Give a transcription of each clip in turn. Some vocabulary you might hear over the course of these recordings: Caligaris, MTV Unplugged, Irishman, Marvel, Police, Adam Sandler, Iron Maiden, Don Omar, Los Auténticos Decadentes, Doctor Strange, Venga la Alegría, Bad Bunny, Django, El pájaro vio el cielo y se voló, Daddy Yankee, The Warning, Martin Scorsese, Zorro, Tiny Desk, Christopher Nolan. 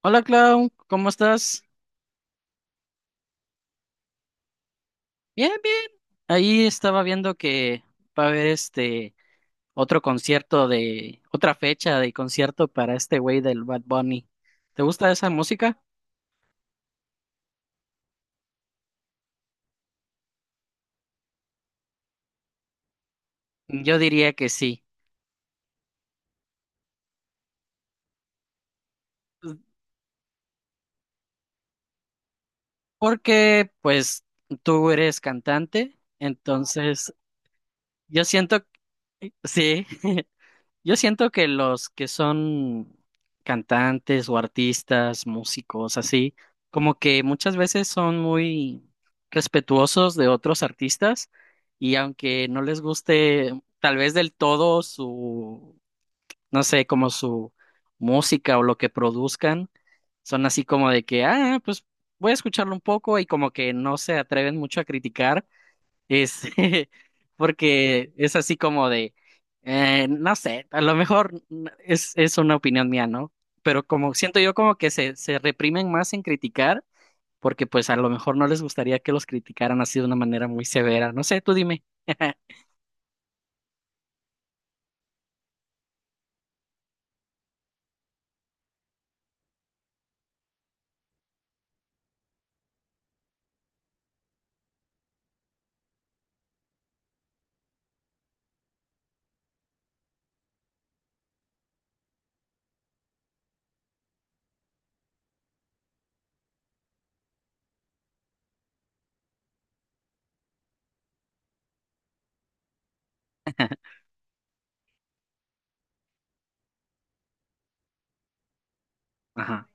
Hola Clau, ¿cómo estás? Bien, bien. Ahí estaba viendo que va a haber otro concierto de otra fecha de concierto para este güey del Bad Bunny. ¿Te gusta esa música? Yo diría que sí, porque pues tú eres cantante, entonces yo siento que sí. Yo siento que los que son cantantes o artistas, músicos, así, como que muchas veces son muy respetuosos de otros artistas y aunque no les guste tal vez del todo su, no sé, como su música o lo que produzcan, son así como de que, ah, pues voy a escucharlo un poco y como que no se atreven mucho a criticar es, porque es así como de, no sé, a lo mejor es una opinión mía, ¿no? Pero como siento yo como que se reprimen más en criticar, porque pues a lo mejor no les gustaría que los criticaran así de una manera muy severa. No sé, tú dime. Ajá.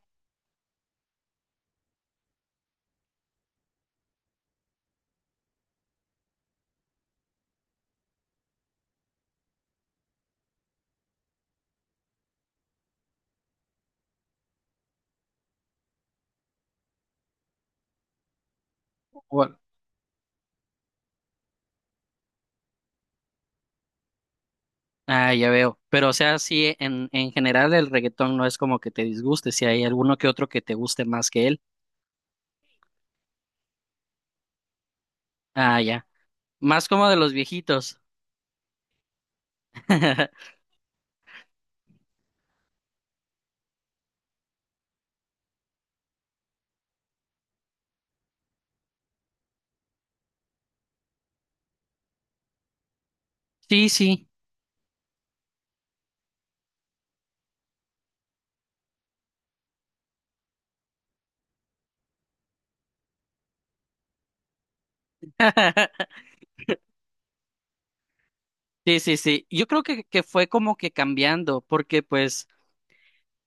Bueno, ah, ya veo. Pero o sea, sí, en general el reggaetón no es como que te disguste, si hay alguno que otro que te guste más que él. Ah, ya. Más como de los viejitos. Sí, sí. Sí, sí, sí. Yo creo que fue como que cambiando, porque pues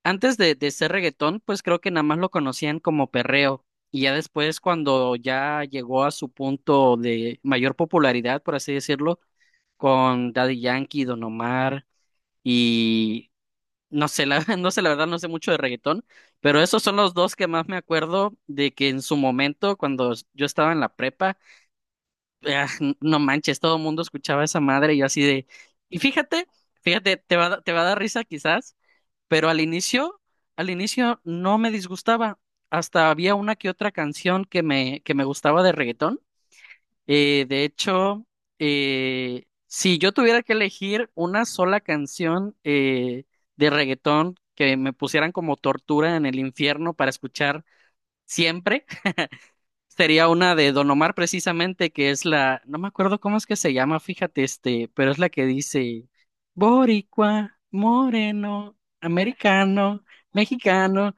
antes de ser reggaetón, pues creo que nada más lo conocían como perreo. Y ya después, cuando ya llegó a su punto de mayor popularidad, por así decirlo, con Daddy Yankee, Don Omar y no sé, la, no sé, la verdad no sé mucho de reggaetón, pero esos son los dos que más me acuerdo de que en su momento, cuando yo estaba en la prepa, ah, no manches, todo el mundo escuchaba esa madre y yo así de, y fíjate, fíjate, te va, te va a dar risa quizás, pero al inicio no me disgustaba, hasta había una que otra canción que que me gustaba de reggaetón. De hecho, si yo tuviera que elegir una sola canción de reggaetón que me pusieran como tortura en el infierno para escuchar siempre, sería una de Don Omar precisamente, que es la, no me acuerdo cómo es que se llama, fíjate, este, pero es la que dice Boricua, moreno, americano, mexicano,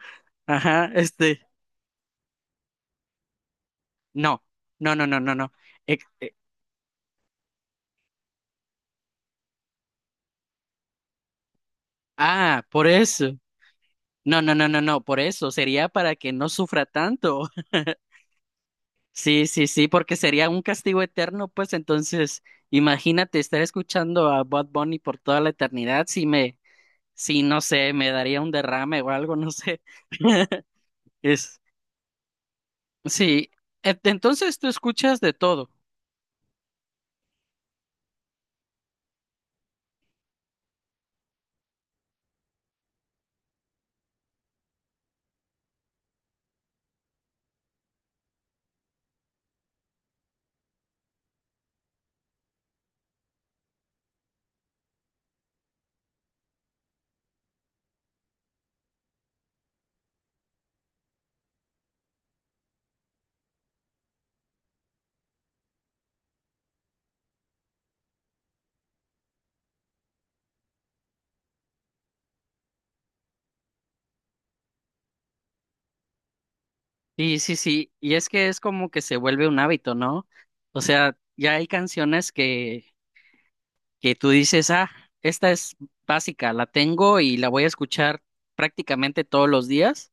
ajá, este, no, no, no, no, no, no. eh, eh, ah, por eso. No, no, no, no, no, por eso sería para que no sufra tanto. Sí, sí, sí, porque sería un castigo eterno, pues entonces, imagínate estar escuchando a Bad Bunny por toda la eternidad, si me sí, no sé, me daría un derrame o algo, no sé. Es, sí, entonces tú escuchas de todo. Sí, sí, sí, y es que es como que se vuelve un hábito, ¿no? O sea, ya hay canciones que tú dices, ah, esta es básica, la tengo y la voy a escuchar prácticamente todos los días,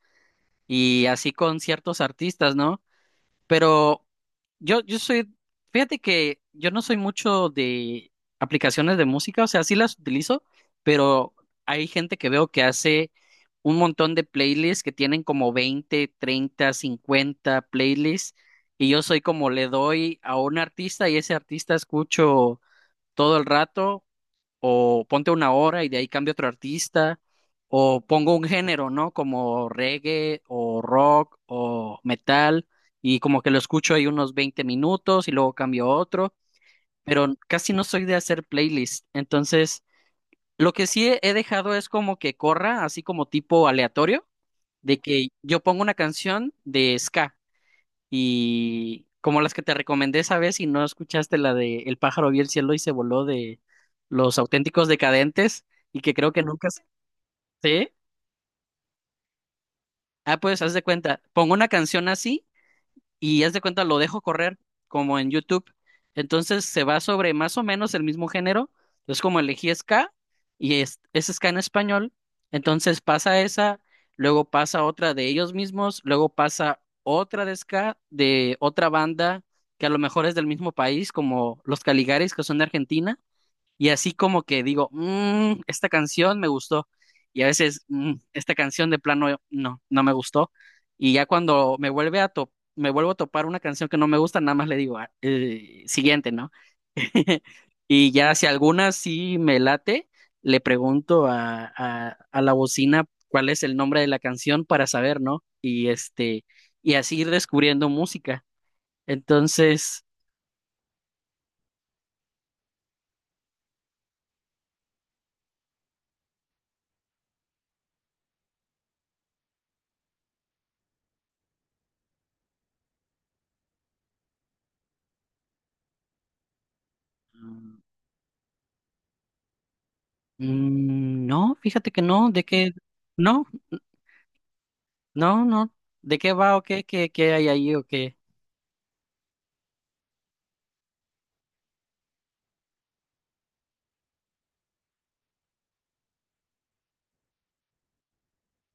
y así con ciertos artistas, ¿no? Pero yo soy, fíjate que yo no soy mucho de aplicaciones de música, o sea, sí las utilizo, pero hay gente que veo que hace un montón de playlists que tienen como 20, 30, 50 playlists y yo soy como le doy a un artista y ese artista escucho todo el rato o ponte una hora y de ahí cambio a otro artista, o pongo un género, ¿no? Como reggae o rock o metal, y como que lo escucho ahí unos 20 minutos y luego cambio a otro, pero casi no soy de hacer playlist. Entonces, lo que sí he dejado es como que corra, así como tipo aleatorio, de que yo pongo una canción de ska. Y como las que te recomendé esa vez y no escuchaste la de El pájaro vio el cielo y se voló de Los Auténticos Decadentes y que creo que nunca... ¿Sí? Ah, pues haz de cuenta, pongo una canción así y haz de cuenta lo dejo correr como en YouTube. Entonces se va sobre más o menos el mismo género. Entonces como elegí ska y es ska en español, entonces pasa esa, luego pasa otra de ellos mismos, luego pasa otra de ska de otra banda que a lo mejor es del mismo país, como los Caligaris que son de Argentina. Y así como que digo, "Mm, esta canción me gustó". Y a veces, "Mm, esta canción de plano no, no me gustó". Y ya cuando me vuelve me vuelvo a topar una canción que no me gusta, nada más le digo, "Ah, siguiente", ¿no? Y ya si alguna sí me late, le pregunto a la bocina cuál es el nombre de la canción para saber, ¿no? Y este, y así ir descubriendo música. Entonces, mm, no, fíjate que no, de qué, no, no, no, de qué va o qué, qué, qué hay ahí o qué.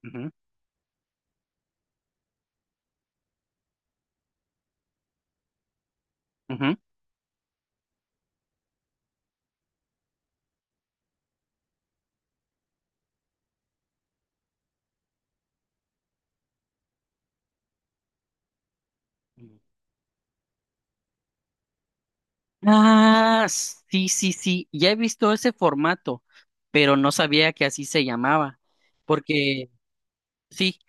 Ujú, ujú. Ah, sí, sí, sí, ya he visto ese formato, pero no sabía que así se llamaba, porque sí,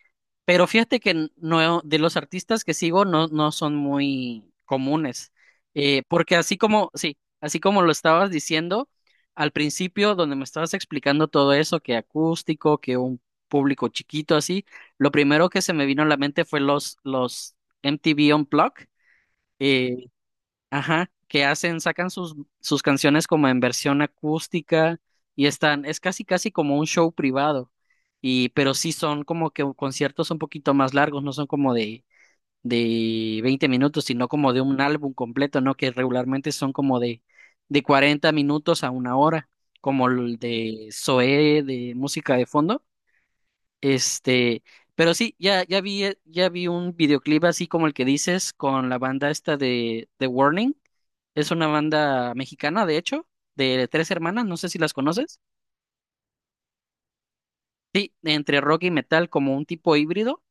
pero fíjate que no, de los artistas que sigo no, no son muy comunes, porque así como, sí, así como lo estabas diciendo al principio, donde me estabas explicando todo eso, que acústico, que un público chiquito así, lo primero que se me vino a la mente fue los MTV Unplugged, eh, ajá, que hacen, sacan sus, sus canciones como en versión acústica y están, es casi casi como un show privado. Y, pero sí son como que conciertos un poquito más largos, no son como de 20 minutos, sino como de un álbum completo, ¿no? Que regularmente son como de 40 minutos a una hora, como el de Zoé de música de fondo. Este, pero sí, ya, ya vi un videoclip así como el que dices con la banda esta de The Warning. Es una banda mexicana, de hecho, de tres hermanas, no sé si las conoces. Sí, entre rock y metal, como un tipo híbrido.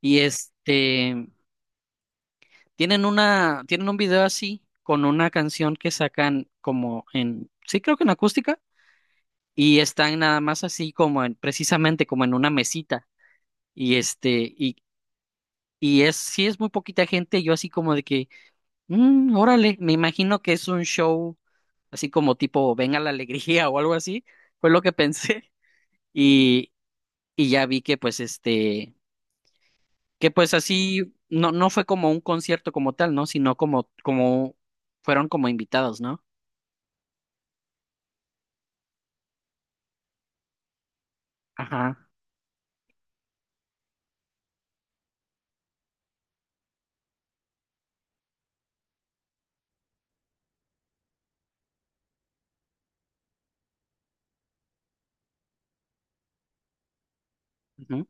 Y este, tienen una, tienen un video así, con una canción que sacan como en, sí creo que en acústica, y están nada más así como en, precisamente como en una mesita. Y este, y, y es, sí es muy poquita gente, yo así como de que mm, órale, me imagino que es un show así como tipo Venga la Alegría o algo así, fue lo que pensé. Y, y ya vi que pues este, que pues así, no, no fue como un concierto como tal, ¿no? Sino como, como, fueron como invitados, ¿no? Ajá. Ujú.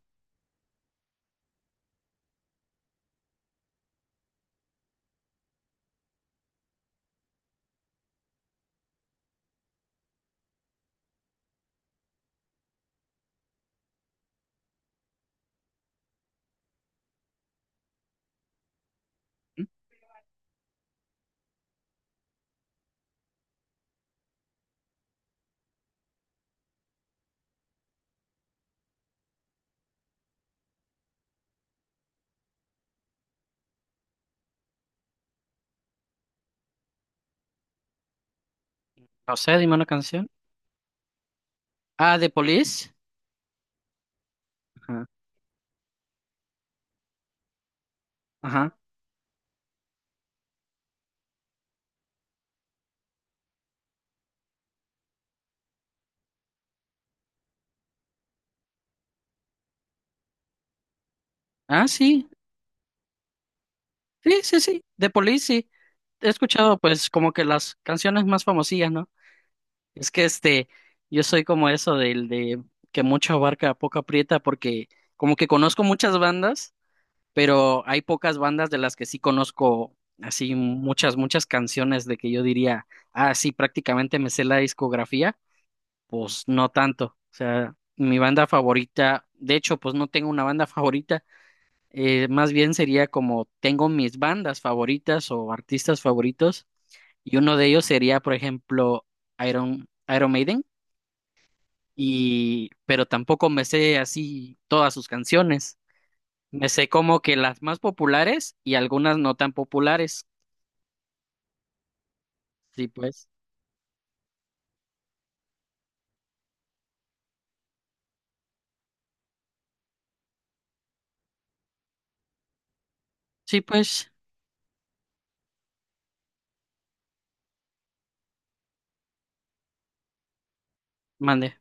No sé, dime una canción. Ah, de Police. Ajá. Ajá. Ah, sí. Sí, sí, sí. De Police, sí. He escuchado pues como que las canciones más famosillas, ¿no? Es que este, yo soy como eso del de que mucho abarca, poco aprieta, porque como que conozco muchas bandas, pero hay pocas bandas de las que sí conozco así muchas, muchas canciones de que yo diría, ah, sí, prácticamente me sé la discografía, pues no tanto. O sea, mi banda favorita, de hecho, pues no tengo una banda favorita, más bien sería como tengo mis bandas favoritas o artistas favoritos, y uno de ellos sería, por ejemplo, Iron Maiden y pero tampoco me sé así todas sus canciones. Me sé como que las más populares y algunas no tan populares. Sí, pues. Sí, pues, mande.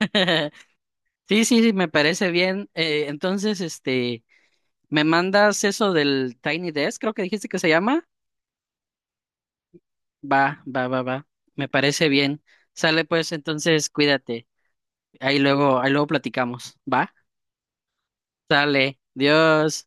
Sí, sí, sí, me parece bien. Entonces, este, ¿me mandas eso del Tiny Desk? Creo que dijiste que se llama. Va, va, va, va. Me parece bien. Sale pues, entonces, cuídate. Ahí luego platicamos. Va. Sale. Dios.